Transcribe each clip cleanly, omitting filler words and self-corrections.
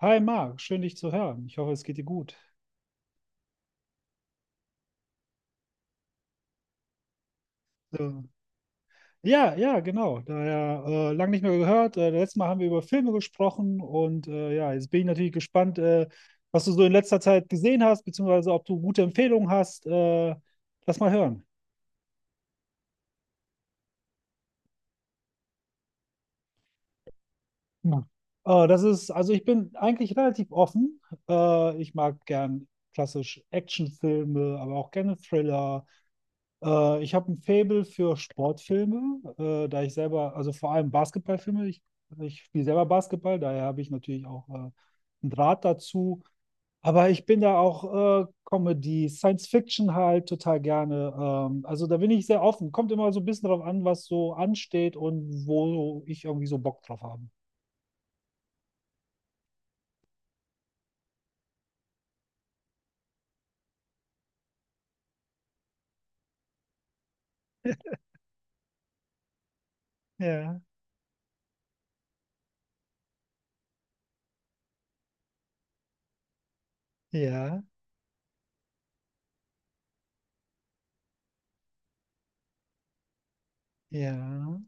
Hi Marc, schön dich zu hören. Ich hoffe, es geht dir gut. Äh, ja, genau. Daher lang nicht mehr gehört. Letztes Mal haben wir über Filme gesprochen und ja, jetzt bin ich natürlich gespannt, was du so in letzter Zeit gesehen hast, beziehungsweise ob du gute Empfehlungen hast. Lass mal hören. Ja. Das ist, also ich bin eigentlich relativ offen. Ich mag gern klassisch Actionfilme, aber auch gerne Thriller. Ich habe ein Faible für Sportfilme, da ich selber, also vor allem Basketballfilme, ich spiele selber Basketball, daher habe ich natürlich auch einen Draht dazu. Aber ich bin da auch Comedy, Science Fiction halt total gerne. Also da bin ich sehr offen. Kommt immer so ein bisschen drauf an, was so ansteht und wo ich irgendwie so Bock drauf habe. Ja, ja, ja.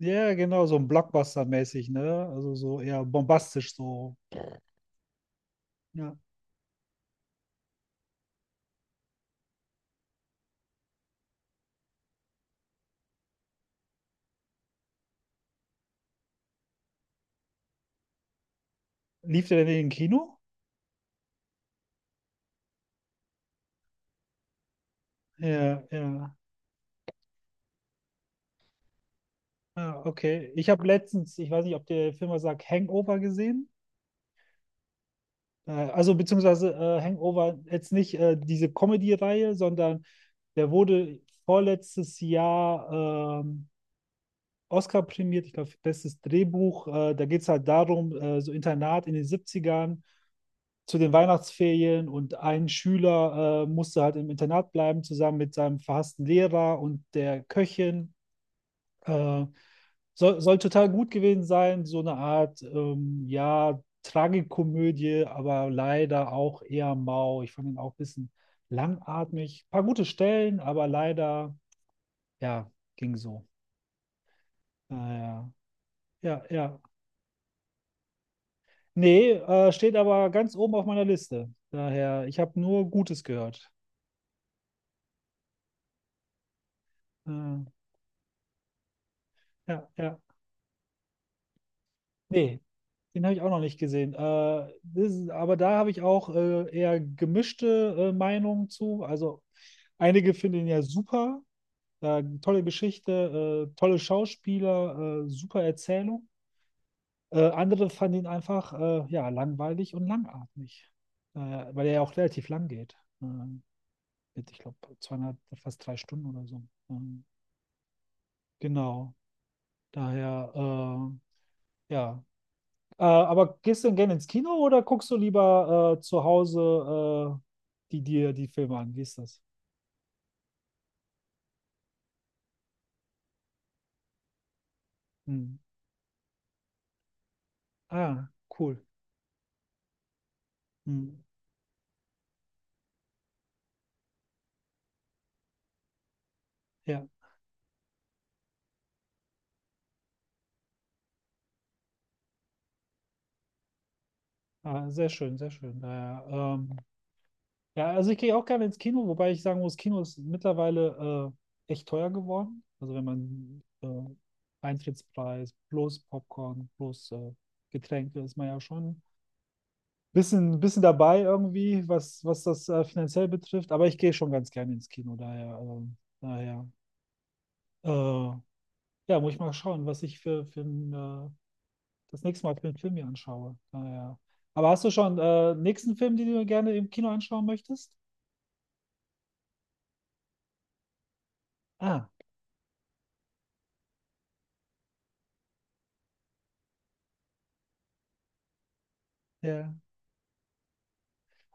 Ja, genau, so ein Blockbuster-mäßig, ne? Also so eher bombastisch so. Ja. Lief der denn im Kino? Ja, ja. Ah, okay. Ich habe letztens, ich weiß nicht, ob der Film was sagt, Hangover gesehen. Also beziehungsweise Hangover jetzt nicht diese Comedy-Reihe, sondern der wurde vorletztes Jahr Oscar prämiert, ich glaube, bestes Drehbuch. Da geht es halt darum, so Internat in den Siebzigern zu den Weihnachtsferien und ein Schüler musste halt im Internat bleiben, zusammen mit seinem verhassten Lehrer und der Köchin. Äh, Soll total gut gewesen sein, so eine Art, ja, Tragikomödie, aber leider auch eher mau. Ich fand ihn auch ein bisschen langatmig. Paar gute Stellen, aber leider, ja, ging so. Naja, ja, ja. Nee, steht aber ganz oben auf meiner Liste. Daher, ich habe nur Gutes gehört. Äh, ja, ja. Nee, den habe ich auch noch nicht gesehen. Das ist, aber da habe ich auch eher gemischte Meinungen zu. Also einige finden ihn ja super. Tolle Geschichte, tolle Schauspieler, super Erzählung. Andere fanden ihn einfach ja, langweilig und langatmig, weil er ja auch relativ lang geht. Äh, mit, ich glaube, 2,5, fast 3 Stunden oder so. Ähm, genau. Daher, ja, aber gehst du denn gerne ins Kino oder guckst du lieber zu Hause die dir die Filme an? Wie ist das? Hm. Ah, cool. Hm. Ja, ah, sehr schön, sehr schön. Naja, ähm, ja, also ich gehe auch gerne ins Kino, wobei ich sagen muss, Kino ist mittlerweile echt teuer geworden. Also wenn man Eintrittspreis plus Popcorn plus Getränke ist man ja schon bisschen dabei irgendwie, was das finanziell betrifft, aber ich gehe schon ganz gerne ins Kino, daher, daher. Äh, ja, muss ich mal schauen, was ich für ein, das nächste Mal für einen Film hier anschaue. Daher. Aber hast du schon nächsten Film, den du gerne im Kino anschauen möchtest? Ah, ja.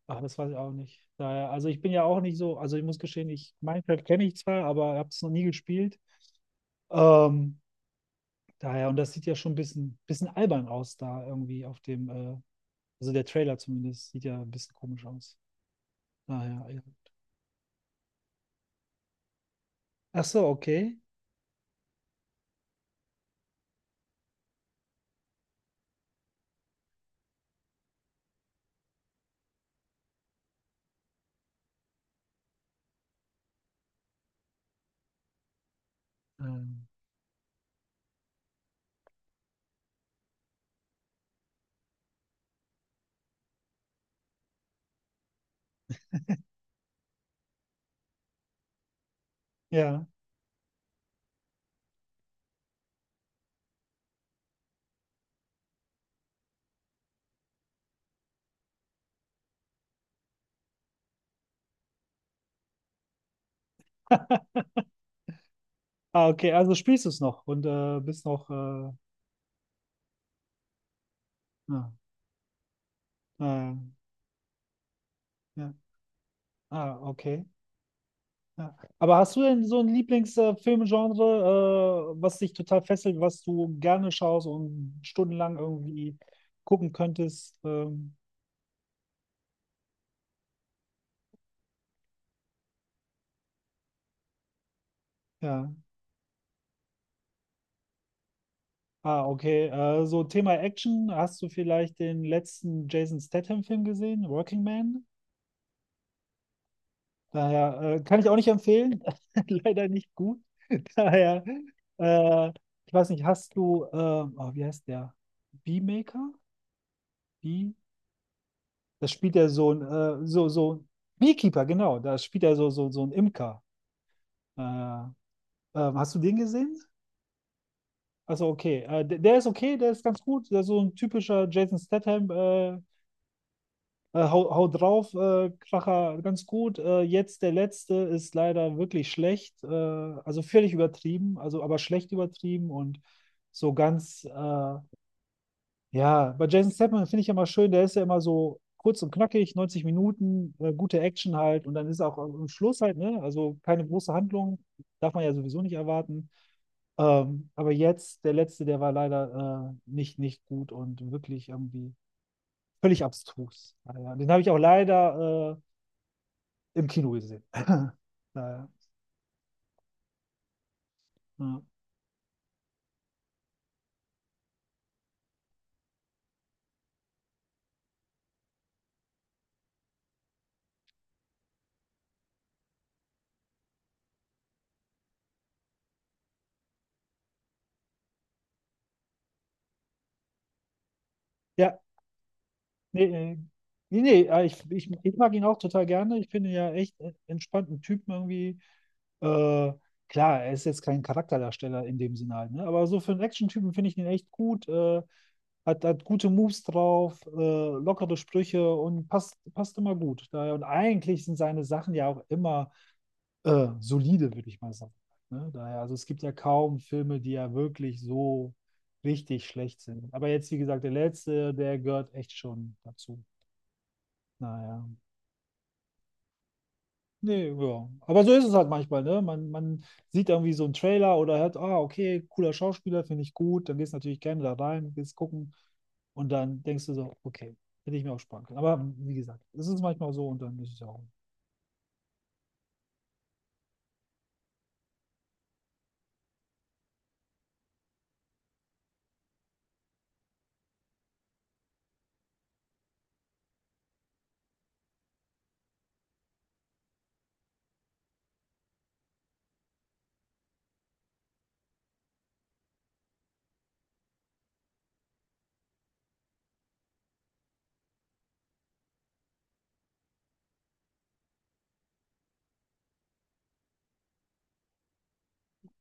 Ach, das weiß ich auch nicht. Daher, also ich bin ja auch nicht so, also ich muss gestehen, ich Minecraft kenne ich zwar, aber habe es noch nie gespielt. Ähm, Daher, und das sieht ja schon ein bisschen albern aus da irgendwie auf dem also der Trailer zumindest sieht ja ein bisschen komisch aus. Daher, ja. Ach so, okay. Ähm, ja. Ah, okay, also spielst du es noch und bist noch. Ja, äh, ja. Ah, okay. Ja. Aber hast du denn so ein Lieblingsfilmgenre, was dich total fesselt, was du gerne schaust und stundenlang irgendwie gucken könntest? Ja. Ah, okay. So Thema Action. Hast du vielleicht den letzten Jason Statham-Film gesehen, Working Man? Daher kann ich auch nicht empfehlen. Leider nicht gut. Daher, äh, ich weiß nicht, hast du, oh, wie heißt der? Beemaker? Bee? Das spielt ja so ein, ein Beekeeper, genau. Da spielt er so ein Imker. Äh, ähm, hast du den gesehen? Also, okay. Der ist okay, der ist ganz gut. Der ist so ein typischer Jason Statham, hau drauf, Kracher, ganz gut. Jetzt der letzte ist leider wirklich schlecht. Also völlig übertrieben, also aber schlecht übertrieben und so ganz, ja, bei Jason Statham finde ich immer schön, der ist ja immer so kurz und knackig, 90 Minuten, gute Action halt und dann ist auch am Schluss halt, ne? Also keine große Handlung, darf man ja sowieso nicht erwarten. Aber jetzt, der letzte, der war leider nicht gut und wirklich irgendwie völlig abstrus. Ja, ja, den habe ich auch leider im Kino gesehen. Naja. Ja, ja nee, nee, ich mag ihn auch total gerne. Ich finde ihn ja echt entspannten Typen irgendwie. Äh, klar, er ist jetzt kein Charakterdarsteller in dem Sinne halt, ne? Aber so für einen Action-Typen finde ich ihn echt gut. Hat gute Moves drauf, lockere Sprüche und passt immer gut. Daher, und eigentlich sind seine Sachen ja auch immer solide, würde ich mal sagen. Ne? Daher, also es gibt ja kaum Filme, die ja wirklich so richtig schlecht sind. Aber jetzt, wie gesagt, der letzte, der gehört echt schon dazu. Naja. Nee, ja. Aber so ist es halt manchmal, ne? Man sieht irgendwie so einen Trailer oder hört, ah, okay, cooler Schauspieler, finde ich gut. Dann gehst du natürlich gerne da rein, gehst gucken. Und dann denkst du so, okay, hätte ich mir auch sparen können. Aber wie gesagt, es ist manchmal so und dann ist es ja auch.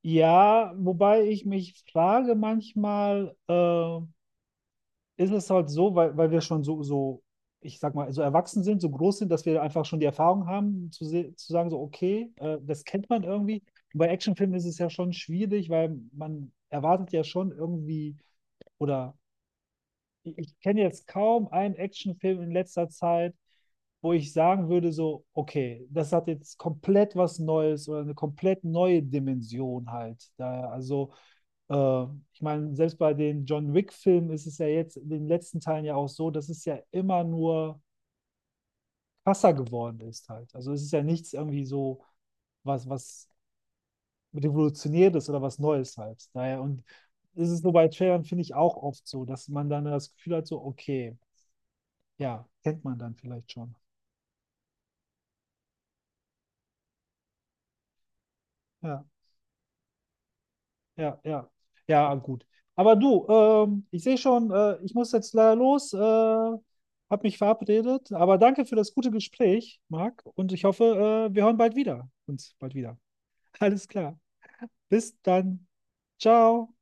Ja, wobei ich mich frage manchmal, ist es halt so, weil wir schon ich sag mal, so erwachsen sind, so groß sind, dass wir einfach schon die Erfahrung haben, zu sagen, so, okay, das kennt man irgendwie. Und bei Actionfilmen ist es ja schon schwierig, weil man erwartet ja schon irgendwie, oder ich kenne jetzt kaum einen Actionfilm in letzter Zeit, wo ich sagen würde, so, okay, das hat jetzt komplett was Neues oder eine komplett neue Dimension halt. Da, also äh, ich meine, selbst bei den John Wick-Filmen ist es ja jetzt in den letzten Teilen ja auch so, dass es ja immer nur krasser geworden ist halt. Also es ist ja nichts irgendwie so, was Revolutionäres oder was Neues halt. Daher, und es ist nur bei Trailern, finde ich, auch oft so, dass man dann das Gefühl hat, so, okay, ja, kennt man dann vielleicht schon. Ja. Ja, ja, ja, gut. Aber du, ich sehe schon, ich muss jetzt leider los, habe mich verabredet. Aber danke für das gute Gespräch, Marc. Und ich hoffe, wir hören bald wieder. Uns bald wieder. Alles klar. Bis dann. Ciao.